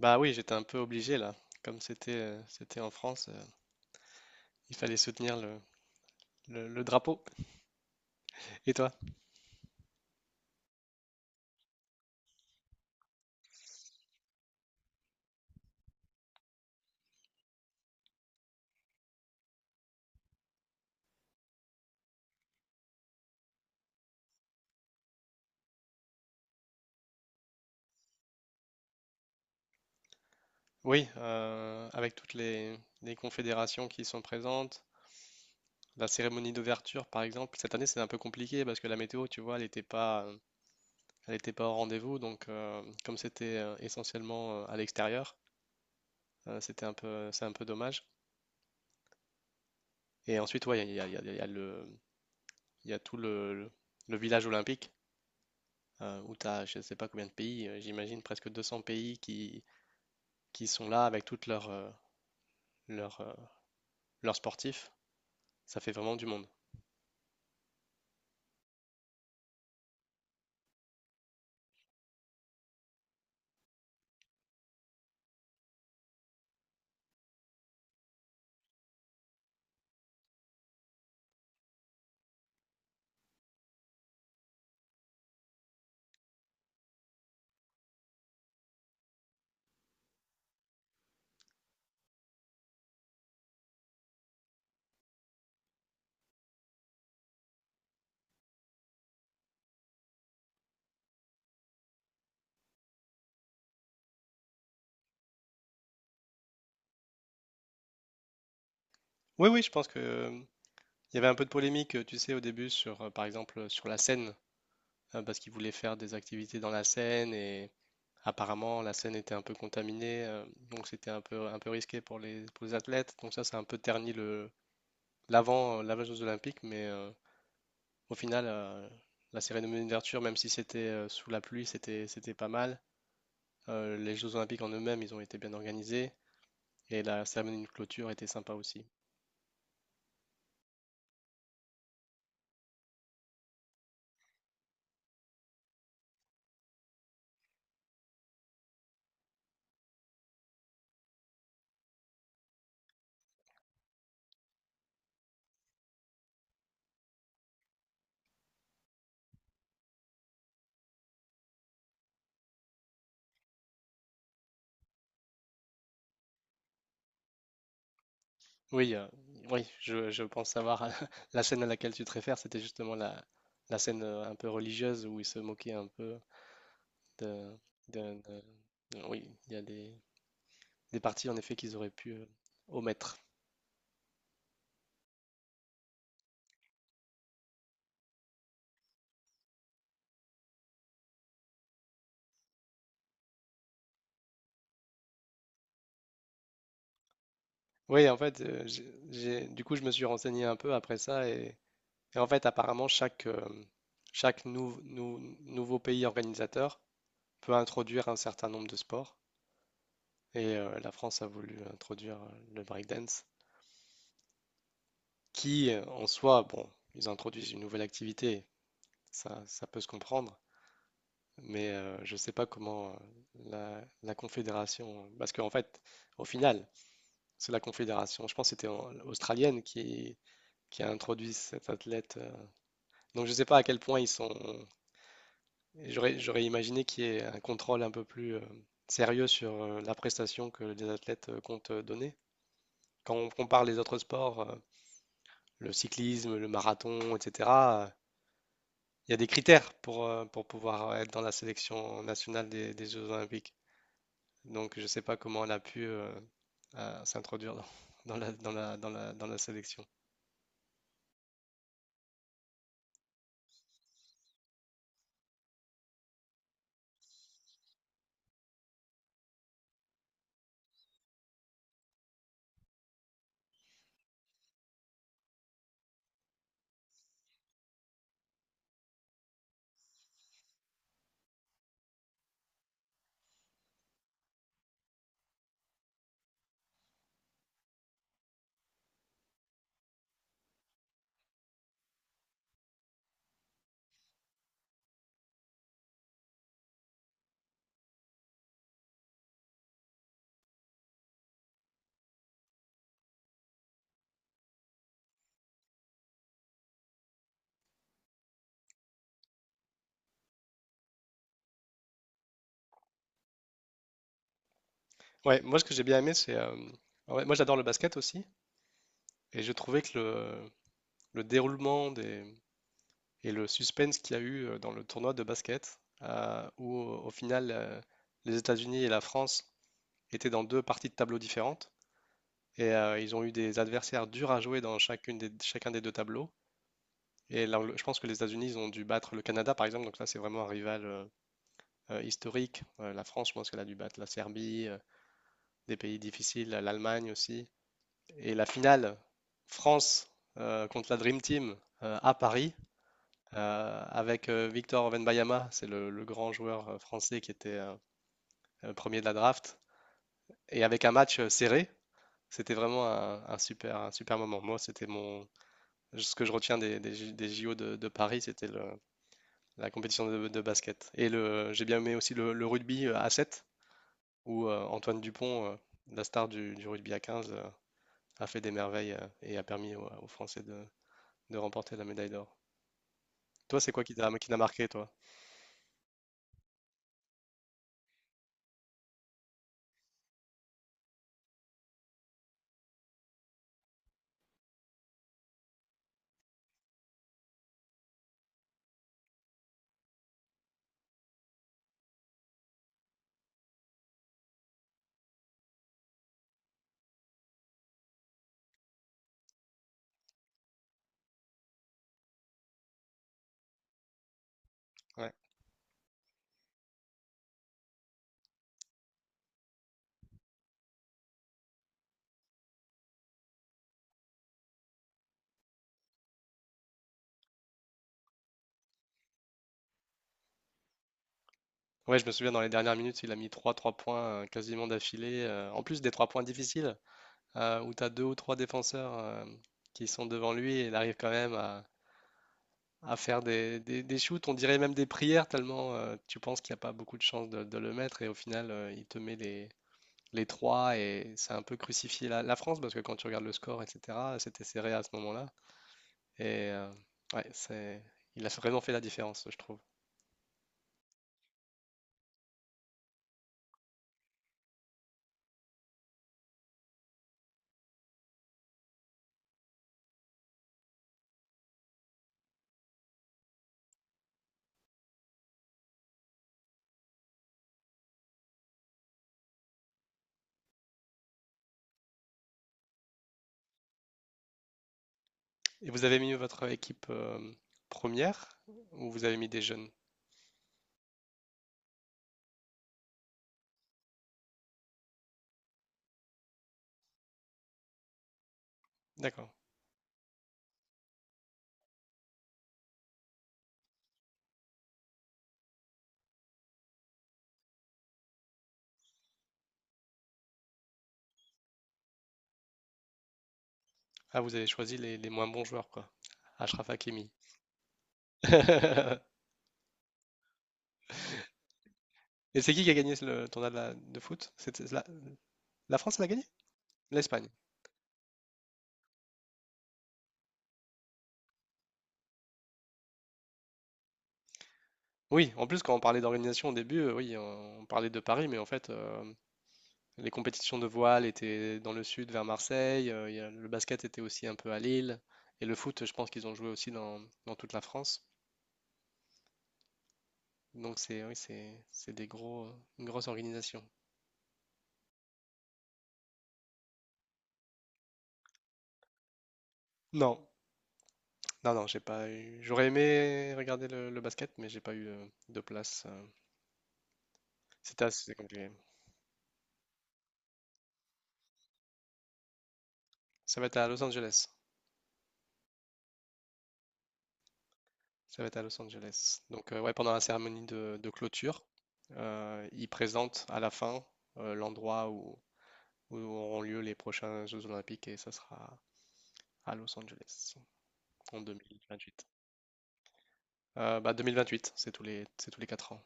Bah oui, j'étais un peu obligé là. Comme c'était c'était en France, il fallait soutenir le drapeau. Et toi? Oui, avec toutes les confédérations qui sont présentes, la cérémonie d'ouverture par exemple. Cette année, c'était un peu compliqué parce que la météo, tu vois, elle n'était pas, elle était pas au rendez-vous. Donc, comme c'était essentiellement à l'extérieur, c'est un peu dommage. Et ensuite, ouais, il y a, il y a- il y a- il y a le, il y a tout le- le- village olympique. Où tu as je sais pas combien de pays, j'imagine presque 200 pays qui sont là avec toutes leurs euh, leurs sportifs. Ça fait vraiment du monde. Oui, oui, je pense que il y avait un peu de polémique, tu sais, au début sur par exemple, sur la Seine, parce qu'ils voulaient faire des activités dans la Seine et apparemment la Seine était un peu contaminée, donc c'était un peu risqué pour les athlètes. Donc ça a un peu terni le l'avant des Jeux Olympiques, mais au final, la cérémonie d'ouverture, même si c'était sous la pluie, c'était pas mal. Les Jeux Olympiques en eux-mêmes, ils ont été bien organisés. Et la cérémonie de clôture était sympa aussi. Oui, oui, je pense savoir la scène à laquelle tu te réfères, c'était justement la scène un peu religieuse où ils se moquaient un peu de, de- de- oui, il y a des parties en effet qu'ils auraient pu omettre. Oui, en fait, du coup, je me suis renseigné un peu après ça et en fait, apparemment, chaque nouveau pays organisateur peut introduire un certain nombre de sports et la France a voulu introduire le breakdance. Qui, en soi, bon, ils introduisent une nouvelle activité, ça peut se comprendre, mais je ne sais pas comment la Confédération, parce qu'en fait, au final, c'est la Confédération, je pense que c'était australienne qui a introduit cet athlète. Donc je ne sais pas à quel point ils sont... J'aurais, j'aurais imaginé qu'il y ait un contrôle un peu plus sérieux sur la prestation que les athlètes comptent donner. Quand on compare les autres sports, le cyclisme, le marathon, etc. Il y a des critères pour pouvoir être dans la sélection nationale des Jeux Olympiques. Donc, je ne sais pas comment elle a pu s'introduire dans, dans la sélection. Ouais, moi, ce que j'ai bien aimé, c'est. Ah ouais, moi, j'adore le basket aussi. Et je trouvais que le déroulement des, et le suspense qu'il y a eu dans le tournoi de basket, où au final, les États-Unis et la France étaient dans deux parties de tableaux différentes. Et ils ont eu des adversaires durs à jouer dans chacun des deux tableaux. Et là, je pense que les États-Unis, ils ont dû battre le Canada, par exemple. Donc là, c'est vraiment un rival historique. La France, je pense qu'elle a dû battre la Serbie, des pays difficiles, l'Allemagne aussi. Et la finale, France contre la Dream Team à Paris, avec Victor Wembanyama, c'est le grand joueur français qui était premier de la draft. Et avec un match serré, c'était vraiment un super moment. Moi, ce que je retiens des J- des JO de Paris, c'était la compétition de basket. Et le, j'ai bien aimé aussi le rugby à 7 où Antoine Dupont, la star du rugby à 15, a fait des merveilles et a permis aux Français de remporter la médaille d'or. Toi, c'est quoi qui t'a marqué, toi? Ouais. Ouais, je me souviens dans les dernières minutes, il a mis trois points quasiment d'affilée. En plus des 3 points difficiles, où tu as deux ou trois défenseurs qui sont devant lui et il arrive quand même à faire des shoots, on dirait même des prières, tellement tu penses qu'il n'y a pas beaucoup de chances de le mettre, et au final, il te met les trois, et c'est un peu crucifié la France, parce que quand tu regardes le score, etc., c'était serré à ce moment-là. Et ouais, c'est, il a vraiment fait la différence, je trouve. Et vous avez mis votre équipe première, ou vous avez mis des jeunes? D'accord. Ah, vous avez choisi les moins bons joueurs, quoi. Achraf Hakimi. Et c'est qui a gagné le tournoi de foot? C'était la France l'a gagné? L'Espagne. Oui, en plus, quand on parlait d'organisation au début, oui, on parlait de Paris, mais en fait, les compétitions de voile étaient dans le sud, vers Marseille, le basket était aussi un peu à Lille, et le foot, je pense qu'ils ont joué aussi dans, dans toute la France. Donc, c'est une grosse organisation. Non, non, non, j'ai pas eu. J'aurais aimé regarder le basket, mais j'ai pas eu de place. C'était assez compliqué. Ça va être à Los Angeles. Ça va être à Los Angeles. Donc, ouais, pendant la cérémonie de clôture, ils présentent à la fin l'endroit où, où auront lieu les prochains Jeux Olympiques et ça sera à Los Angeles en 2028. Bah, 2028, c'est c'est tous les 4 ans.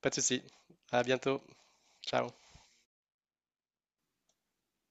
Pas de souci. À bientôt. Ciao.